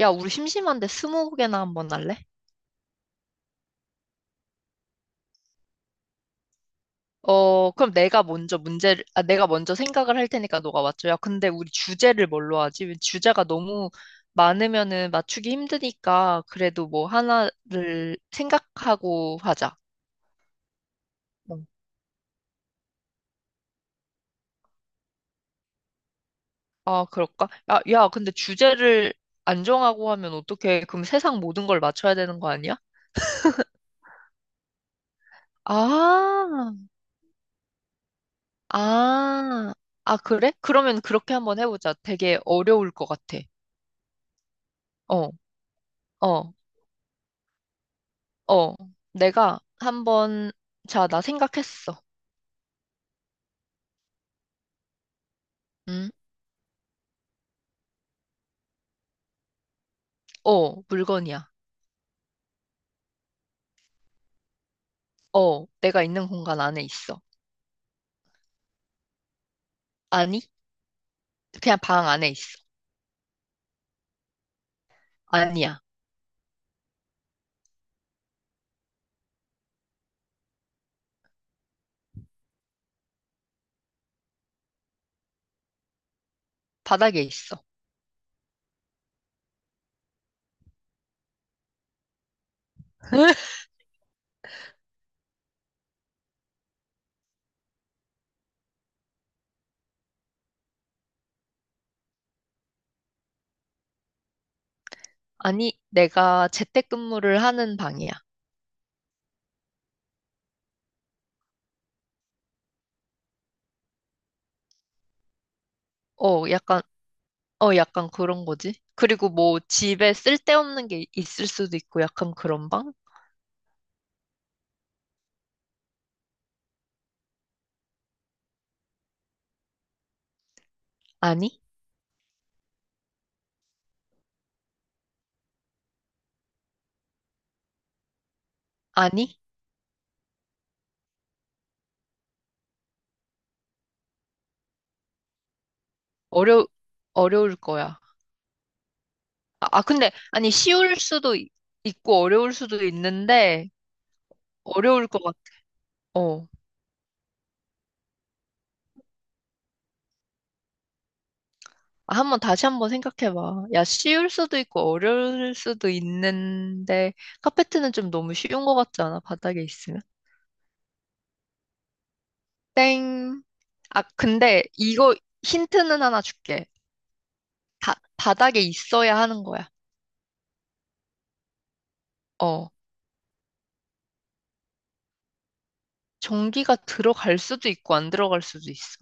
야, 우리 심심한데 스무고개나 한번 할래? 어, 그럼 내가 먼저 문제를, 아, 내가 먼저 생각을 할 테니까 너가 맞춰. 야, 근데 우리 주제를 뭘로 하지? 주제가 너무 많으면은 맞추기 힘드니까 그래도 뭐 하나를 생각하고 하자. 응. 아, 그럴까? 야, 야, 근데 주제를 안 정하고 하면 어떻게, 그럼 세상 모든 걸 맞춰야 되는 거 아니야? 아, 아, 아, 그래? 그러면 그렇게 한번 해보자. 되게 어려울 것 같아. 어, 어. 어, 내가 한번, 자, 나 생각했어. 응? 어, 물건이야. 어, 내가 있는 공간 안에 있어. 아니, 그냥 방 안에 있어. 아니야. 바닥에 있어. 아니, 내가 재택근무를 하는 방이야. 어, 약간, 어, 약간 그런 거지. 그리고 뭐 집에 쓸데없는 게 있을 수도 있고 약간 그런 방? 아니? 아니? 어려, 어려울 거야. 아, 아, 근데, 아니, 쉬울 수도 있고 어려울 수도 있는데, 어려울 것 같아. 어. 아, 한번 다시 한번 생각해봐. 야, 쉬울 수도 있고 어려울 수도 있는데 카페트는 좀 너무 쉬운 것 같지 않아? 바닥에 있으면? 땡. 아, 근데 이거 힌트는 하나 줄게. 다, 바닥에 있어야 하는 거야. 어. 전기가 들어갈 수도 있고 안 들어갈 수도 있어.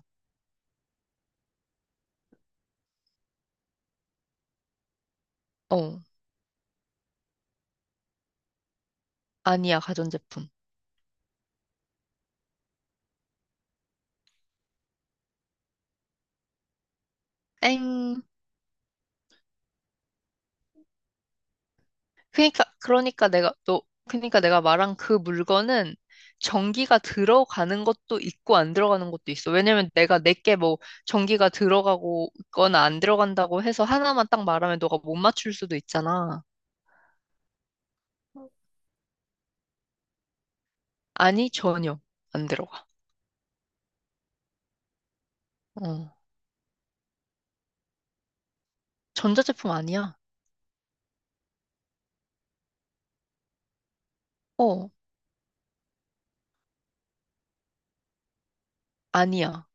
어. 아니야, 가전제품. 땡. 그러니까 그러니까 내가 너 그러니까 내가 말한 그 물건은 전기가 들어가는 것도 있고 안 들어가는 것도 있어. 왜냐면 내가 내게 뭐 전기가 들어가고 있거나 안 들어간다고 해서 하나만 딱 말하면 너가 못 맞출 수도 있잖아. 아니, 전혀 안 들어가. 어. 전자제품 아니야. 어, 아니야.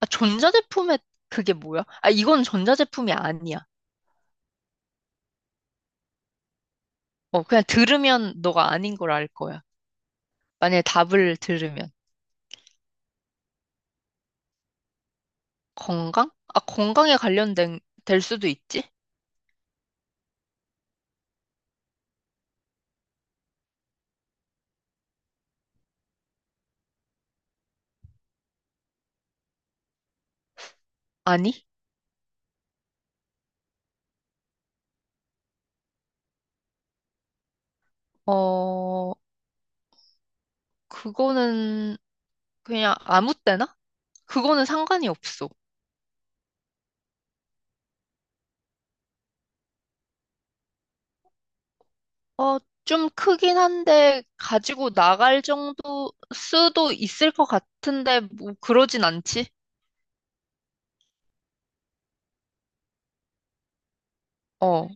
아, 전자제품에 그게 뭐야? 아, 이건 전자제품이 아니야. 어, 그냥 들으면 너가 아닌 걸 알 거야. 만약에 답을 들으면. 건강? 아, 건강에 관련된, 될 수도 있지? 아니? 어, 그거는 그냥 아무 때나? 그거는 상관이 없어. 어, 좀 크긴 한데 가지고 나갈 정도 수도 있을 것 같은데 뭐 그러진 않지? 어,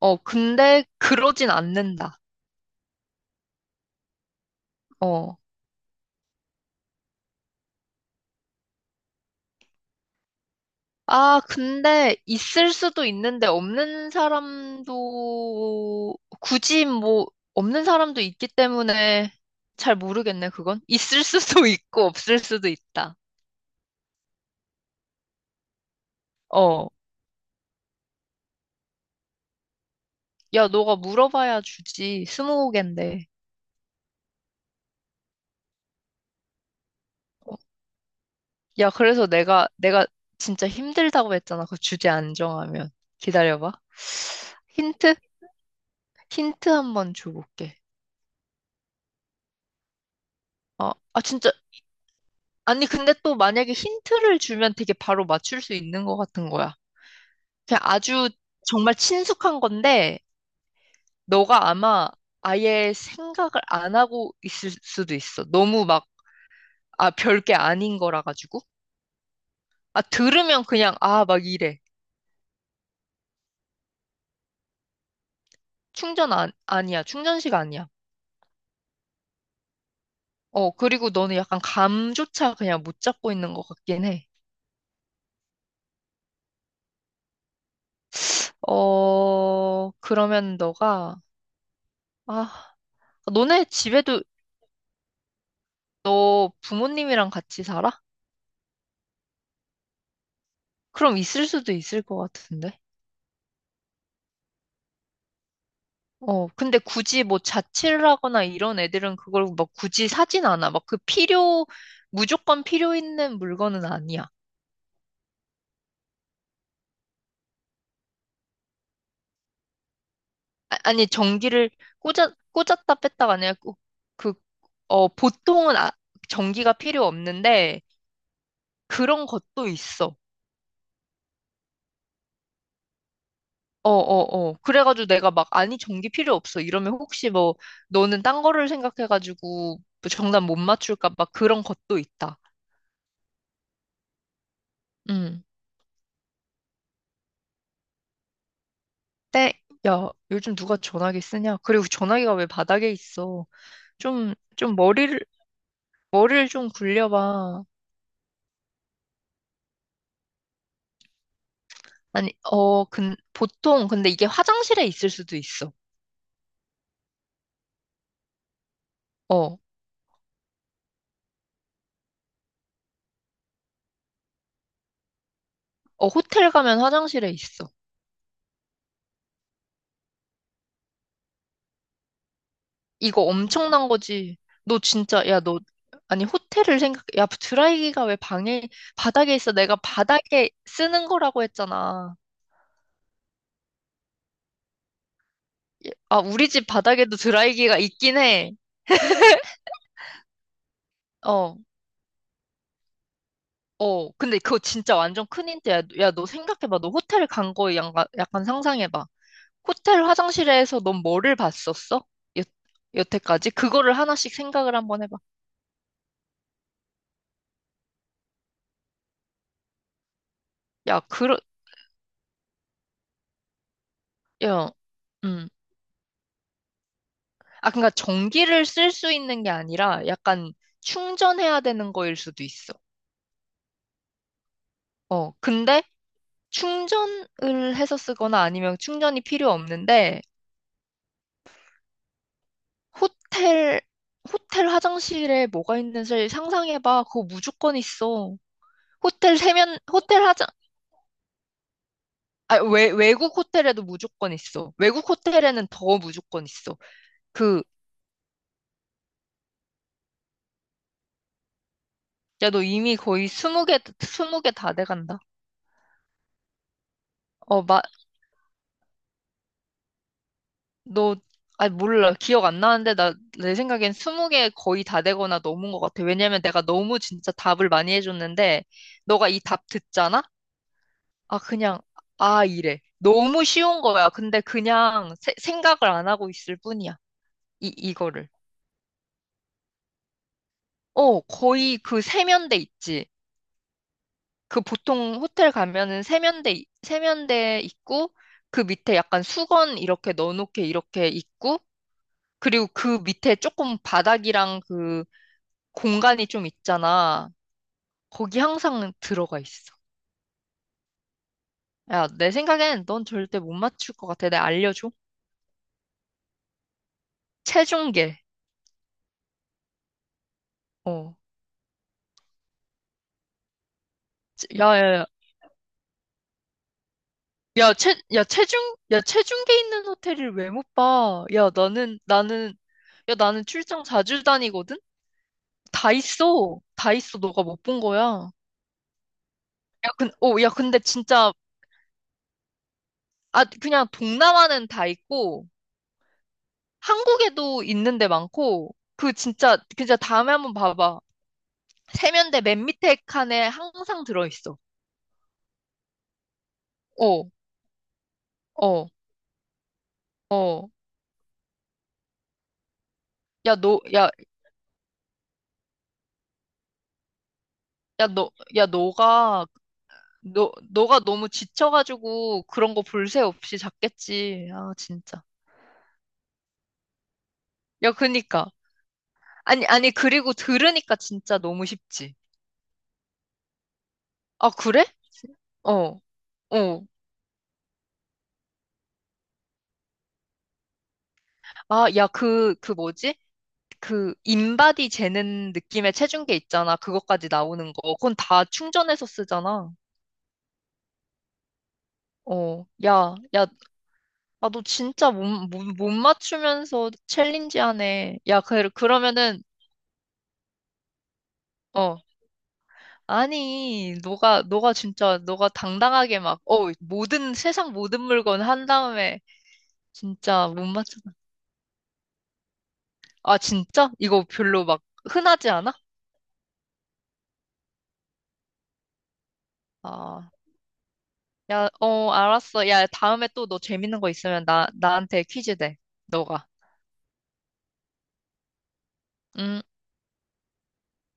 어, 근데 그러진 않는다. 어. 아, 근데 있을 수도 있는데 없는 사람도 굳이 뭐 없는 사람도 있기 때문에 잘 모르겠네, 그건. 있을 수도 있고 없을 수도 있다. 어. 야, 너가 물어봐야 주지. 스무고갠데. 어. 야, 그래서 내가 진짜 힘들다고 했잖아. 그 주제 안 정하면. 기다려봐. 힌트? 힌트 한번 줘볼게. 어, 아, 진짜. 아니, 근데 또 만약에 힌트를 주면 되게 바로 맞출 수 있는 것 같은 거야. 그냥 아주 정말 친숙한 건데, 너가 아마 아예 생각을 안 하고 있을 수도 있어. 너무 막, 아, 별게 아닌 거라 가지고. 아, 들으면 그냥, 아, 막 이래. 충전 안, 아니야. 충전식 아니야. 어, 그리고 너는 약간 감조차 그냥 못 잡고 있는 것 같긴 해. 어, 그러면 아, 너네 집에도 너 부모님이랑 같이 살아? 그럼 있을 수도 있을 것 같은데. 어, 근데 굳이 뭐 자취를 하거나 이런 애들은 그걸 막 굳이 사진 않아. 막 그 필요, 무조건 필요 있는 물건은 아니야. 아, 니 전기를 꽂았다 뺐다가 아니라 그, 그, 어, 보통은 아, 전기가 필요 없는데 그런 것도 있어. 어, 어, 어. 그래가지고 내가 막, 아니, 전기 필요 없어. 이러면 혹시 뭐, 너는 딴 거를 생각해가지고 뭐 정답 못 맞출까? 막 그런 것도 있다. 음. 때, 야, 요즘 누가 전화기 쓰냐? 그리고 전화기가 왜 바닥에 있어? 좀, 좀 머리를, 머리를 좀 굴려봐. 아니, 어, 보통, 근데 이게 화장실에 있을 수도 있어. 어, 어, 호텔 가면 화장실에 있어. 이거 엄청난 거지. 너 진짜, 야, 너, 아니, 호텔을 생각, 야, 드라이기가 왜 방에, 바닥에 있어? 내가 바닥에 쓰는 거라고 했잖아. 예, 아, 우리 집 바닥에도 드라이기가 있긴 해. 어, 어, 근데 그거 진짜 완전 큰 힌트야. 야, 너 생각해봐. 너 호텔 간 거에 약간, 약간 상상해봐. 호텔 화장실에서 넌 뭐를 봤었어? 여, 여태까지? 그거를 하나씩 생각을 한번 해봐. 야, 야, 음. 아, 그러니까 전기를 쓸 수 있는 게 아니라 약간 충전해야 되는 거일 수도 있어. 어, 근데 충전을 해서 쓰거나 아니면 충전이 필요 없는데 호텔, 호텔 화장실에 뭐가 있는지 상상해봐. 그거 무조건 있어. 호텔 세면, 호텔 하자, 아, 외, 외국 호텔에도 무조건 있어. 외국 호텔에는 더 무조건 있어. 그, 야, 너 이미 거의 20개, 20개 다 돼간다. 어, 너, 아, 몰라. 기억 안 나는데, 나, 내 생각엔 20개 거의 다 되거나 넘은 것 같아. 왜냐면 내가 너무 진짜 답을 많이 해줬는데, 너가 이 답 듣잖아? 아, 그냥, 아, 이래. 너무 쉬운 거야. 근데 그냥 생각을 안 하고 있을 뿐이야. 이거를. 어, 거의 그 세면대 있지. 그 보통 호텔 가면은 세면대 있고, 그 밑에 약간 수건 이렇게 넣어놓게 이렇게 있고, 그리고 그 밑에 조금 바닥이랑 그 공간이 좀 있잖아. 거기 항상 들어가 있어. 야, 내 생각엔 넌 절대 못 맞출 것 같아. 내가 알려줘. 체중계. 어. 야, 야, 야. 야, 야, 야, 체중계 있는 호텔을 왜 못 봐? 야, 나는, 나는, 야, 나는 출장 자주 다니거든? 다 있어. 다 있어. 너가 못 본 거야. 야, 야, 근데 진짜, 아, 그냥 동남아는 다 있고, 한국에도 있는 데 많고, 그 진짜, 진짜 다음에 한번 봐봐. 세면대 맨 밑에 칸에 항상 들어있어. 어, 어, 어. 야, 너, 야, 야, 너, 야, 너가, 너가 너무 지쳐가지고 그런 거 볼새 없이 잤겠지. 아, 진짜. 야, 그니까. 아니, 아니, 그리고 들으니까 진짜 너무 쉽지. 아, 그래? 어, 어. 아, 야, 그 뭐지? 그 인바디 재는 느낌의 체중계 있잖아. 그것까지 나오는 거. 그건 다 충전해서 쓰잖아. 어, 야, 야, 아, 너 진짜 못, 맞추면서 챌린지 하네. 야, 그러면은, 어, 아니, 너가 진짜, 너가 당당하게 막, 어, 모든, 세상 모든 물건 한 다음에, 진짜 못 맞춰. 아, 진짜? 이거 별로 막 흔하지 않아? 아, 야, 어, 알았어. 야, 다음에 또 너 재밌는 거 있으면 나한테 퀴즈 내. 너가. 음.